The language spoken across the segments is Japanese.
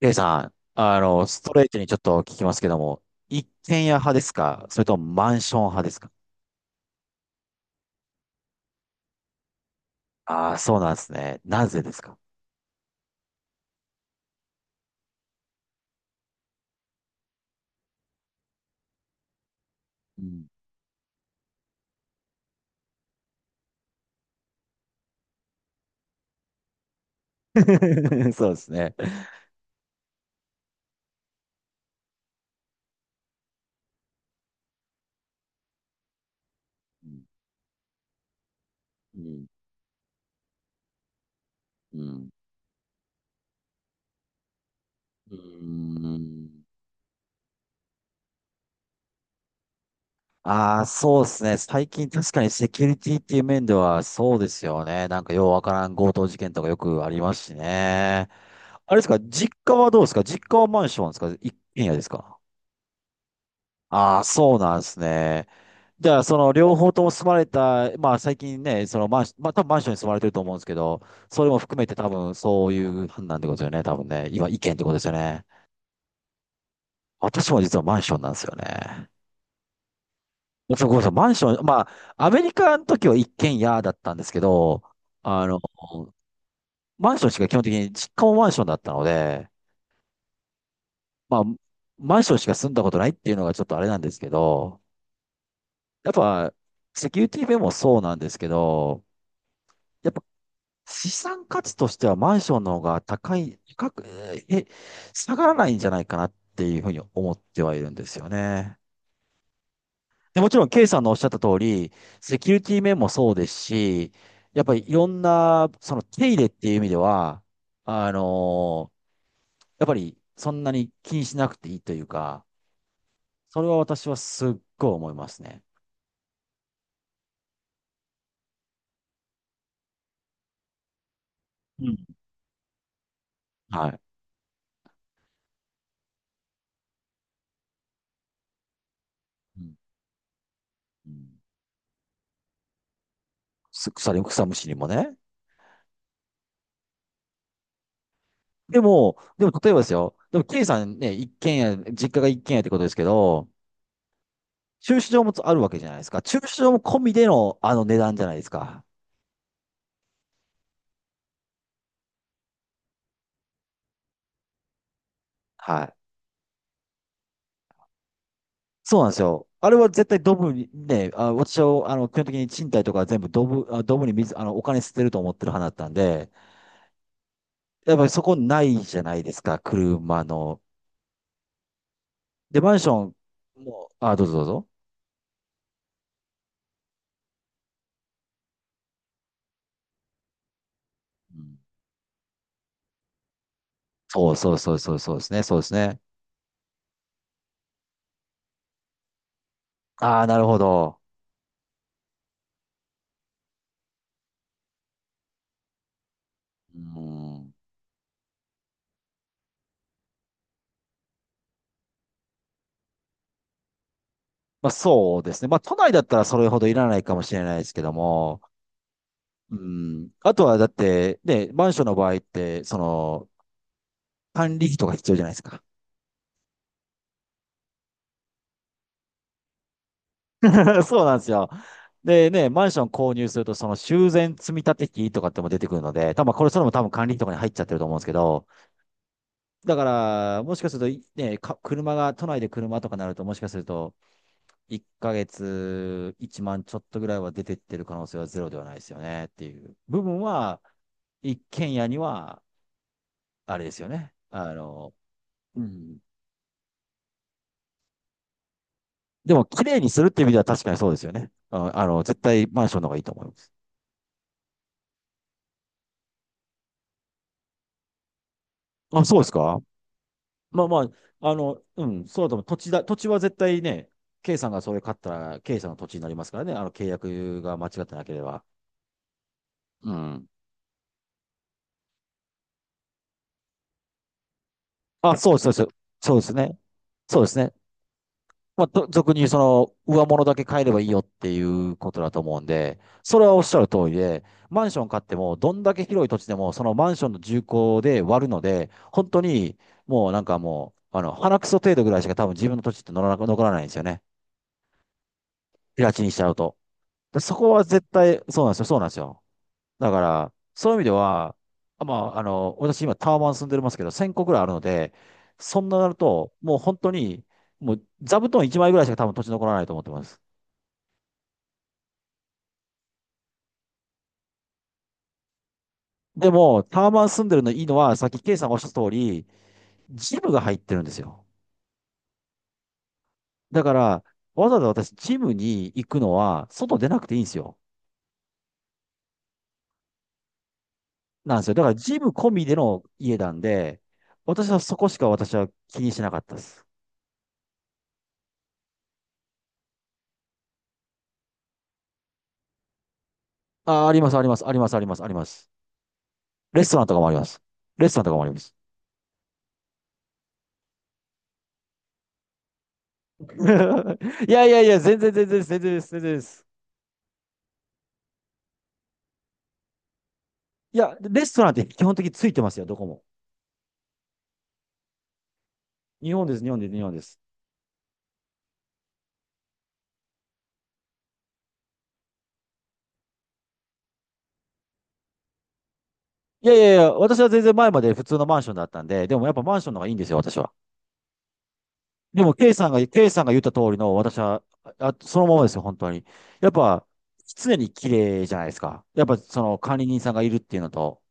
レイさん、ストレートにちょっと聞きますけども、一軒家派ですか？それともマンション派ですか？ああー、そうなんですね。なぜですか？うん。そうですね。うん。うん。うん。ああー、そうですね。最近確かにセキュリティっていう面ではそうですよね。なんかようわからん強盗事件とかよくありますしね。あれですか？実家はどうですか？実家はマンションですか一軒家ですか？ああ、そうなんですね。じゃあ、その両方とも住まれた、まあ最近ね、そのマンション、まあ多分マンションに住まれてると思うんですけど、それも含めて多分そういう判断ってことですよね、多分ね。今、意見ってことですよね。私も実はマンションなんですよね。そうごめんなさい、マンション、まあ、アメリカの時は一軒家だったんですけど、あの、マンションしか基本的に、実家もマンションだったので、まあ、マンションしか住んだことないっていうのがちょっとあれなんですけど、やっぱ、セキュリティ面もそうなんですけど、やっぱ資産価値としてはマンションの方が高い、高く、え、下がらないんじゃないかなっていうふうに思ってはいるんですよね。で、もちろん、ケイさんのおっしゃった通り、セキュリティ面もそうですし、やっぱりいろんな、その手入れっていう意味では、あのーやっぱりそんなに気にしなくていいというか、それは私はすっごい思いますね。うん。はい。うんうんす草に、草むしりもね。でも、でも例えばですよ。でも、ケイさんね、一軒家、実家が一軒家ってことですけど、駐車場もあるわけじゃないですか。駐車場も込みでのあの値段じゃないですか。はい。そうなんですよ。あれは絶対ドブに、ね、あ、私は、基本的に賃貸とかは全部ドブに水、お金捨てると思ってる派だったんで、やっぱりそこないじゃないですか、車の。で、マンションも、あ、どうぞどうぞ。うんそうそうそうそうそうですね、そうですね。ああ、なるほど。うんまあそうですね。まあ都内だったらそれほどいらないかもしれないですけども、うん。あとはだって、ね、マンションの場合って、管理費とか必要じゃないですか。そうなんですよ。でね、マンション購入すると、その修繕積立費とかっても出てくるので、多分これ、それも多分管理費とかに入っちゃってると思うんですけど、だから、もしかすると、ね、車が、都内で車とかなると、もしかすると、1ヶ月1万ちまんちょっとぐらいは出てってる可能性はゼロではないですよねっていう部分は、一軒家には、あれですよね。うん。でも、綺麗にするっていう意味では確かにそうですよね。絶対マンションの方がいいと思います。あ、そうですか。まあまあ、うん、そうだと思う。土地は絶対ね、K さんがそれ買ったら、K さんの土地になりますからね。契約が間違ってなければ。うん。あ、そうそうそう。そうですね。そうですね。まあ、と俗に上物だけ買えればいいよっていうことだと思うんで、それはおっしゃる通りで、マンション買っても、どんだけ広い土地でも、そのマンションの重工で割るので、本当に、もうなんかもう、鼻くそ程度ぐらいしか多分自分の土地って乗らなく、残らないんですよね。平地にしちゃうと。でそこは絶対、そうなんですよ、そうなんですよ。だから、そういう意味では、私今タワマン住んでますけど、1000個ぐらいあるので、そんななると、もう本当に、もう座布団1枚ぐらいしか多分土地残らないと思ってます。でも、タワマン住んでるのいいのは、さっきケイさんがおっしゃった通り、ジムが入ってるんですよ。だから、わざわざ私、ジムに行くのは、外出なくていいんですよ。なんですよ。だから、ジム込みでの家なんで、私はそこしか私は気にしなかったです。あ、あります、あります、あります、あります、あります。レストランとかもあります。レストランとかもあります。いやいやいや、全然全然です、全然です、全然です。いや、レストランって基本的についてますよ、どこも。日本です、日本です、日本です。いやいやいや、私は全然前まで普通のマンションだったんで、でもやっぱマンションの方がいいんですよ、私は。でも、K さんが、言った通りの、私は、あ、そのままですよ、本当に。やっぱ、常に綺麗じゃないですか。やっぱ、その管理人さんがいるっていうのと、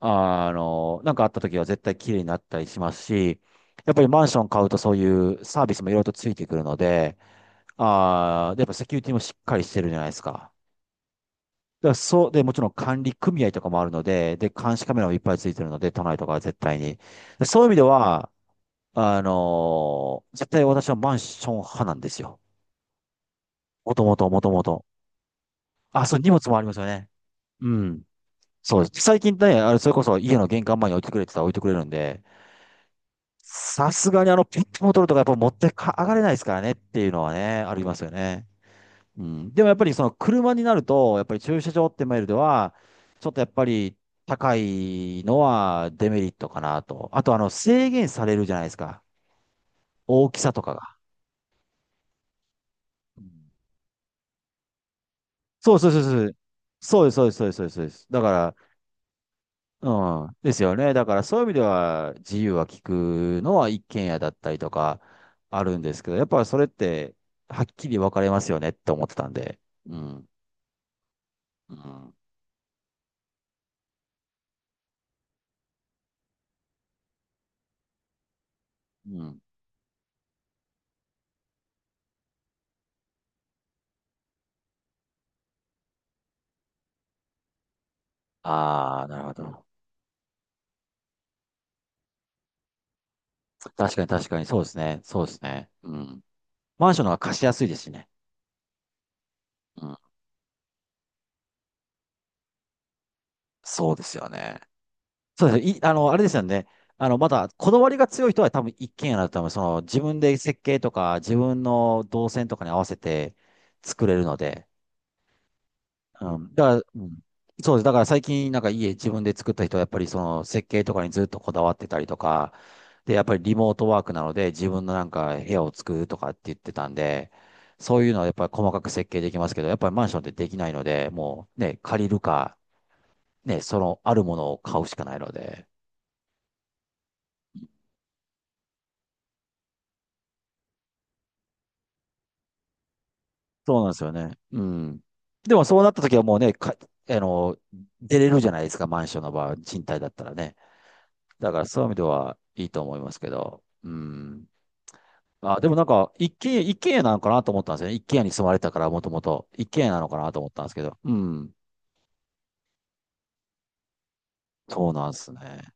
なんかあった時は絶対綺麗になったりしますし、やっぱりマンション買うとそういうサービスもいろいろとついてくるので、でやっぱセキュリティもしっかりしてるじゃないですか。だからそう、で、もちろん管理組合とかもあるので、で、監視カメラもいっぱいついてるので、都内とかは絶対に。でそういう意味では、絶対私はマンション派なんですよ。もともと、もともと。あ、そう、荷物もありますよね。うん。そうです。最近ね、あれ、それこそ家の玄関前に置いてくれって言ったら置いてくれるんで、さすがにあのペットボトルとかやっぱ持ってか上がれないですからねっていうのはね、ありますよね。うん。でもやっぱりその車になると、やっぱり駐車場ってマイルでは、ちょっとやっぱり高いのはデメリットかなと。あと制限されるじゃないですか。大きさとかが。うんそうそうそうそう。そうです、そうです、そうです、そうです。そうですだから、うん。ですよね。だからそういう意味では自由は利くのは一軒家だったりとかあるんですけど、やっぱりそれってはっきり分かれますよねって思ってたんで。うん。うん。うん。ああ、なるほど。確かに確かに、そうですね。そうですね。うん。マンションの方が貸しやすいですしね。うん。そうですよね。そうですねい、あれですよね。まだ、こだわりが強い人は多分一軒家だと多分自分で設計とか、自分の動線とかに合わせて作れるので。うん。だから、うん、そうです。だから最近、なんか家自分で作った人は、やっぱりその設計とかにずっとこだわってたりとか、で、やっぱりリモートワークなので、自分のなんか部屋を作るとかって言ってたんで、そういうのはやっぱり細かく設計できますけど、やっぱりマンションってできないので、もうね、借りるか、ね、そのあるものを買うしかないので。そうなんですよね。うん。でもそうなった時はもうね、か、あの、出れるじゃないですか、マンションの場合、賃貸だったらね。だからそういう意味ではいいと思いますけど、うん。あ、でもなんか、一軒家、一軒家なのかなと思ったんですよね。一軒家に住まれてたから、もともと。一軒家なのかなと思ったんですけど。うん。そうなんですね。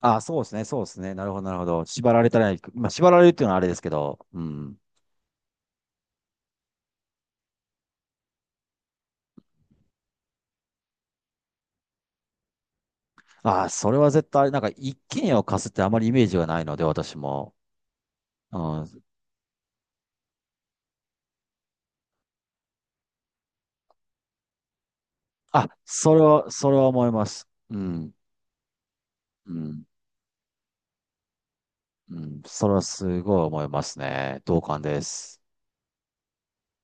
あ、そうですね、そうですね。なるほど、なるほど。縛られたら、まあ、縛られるっていうのはあれですけど。うん。あ、それは絶対、なんか、一軒家を貸すってあまりイメージがないので、私も。うん。あ、それは、思います。うん。うん。うん。それはすごい思いますね。同感です。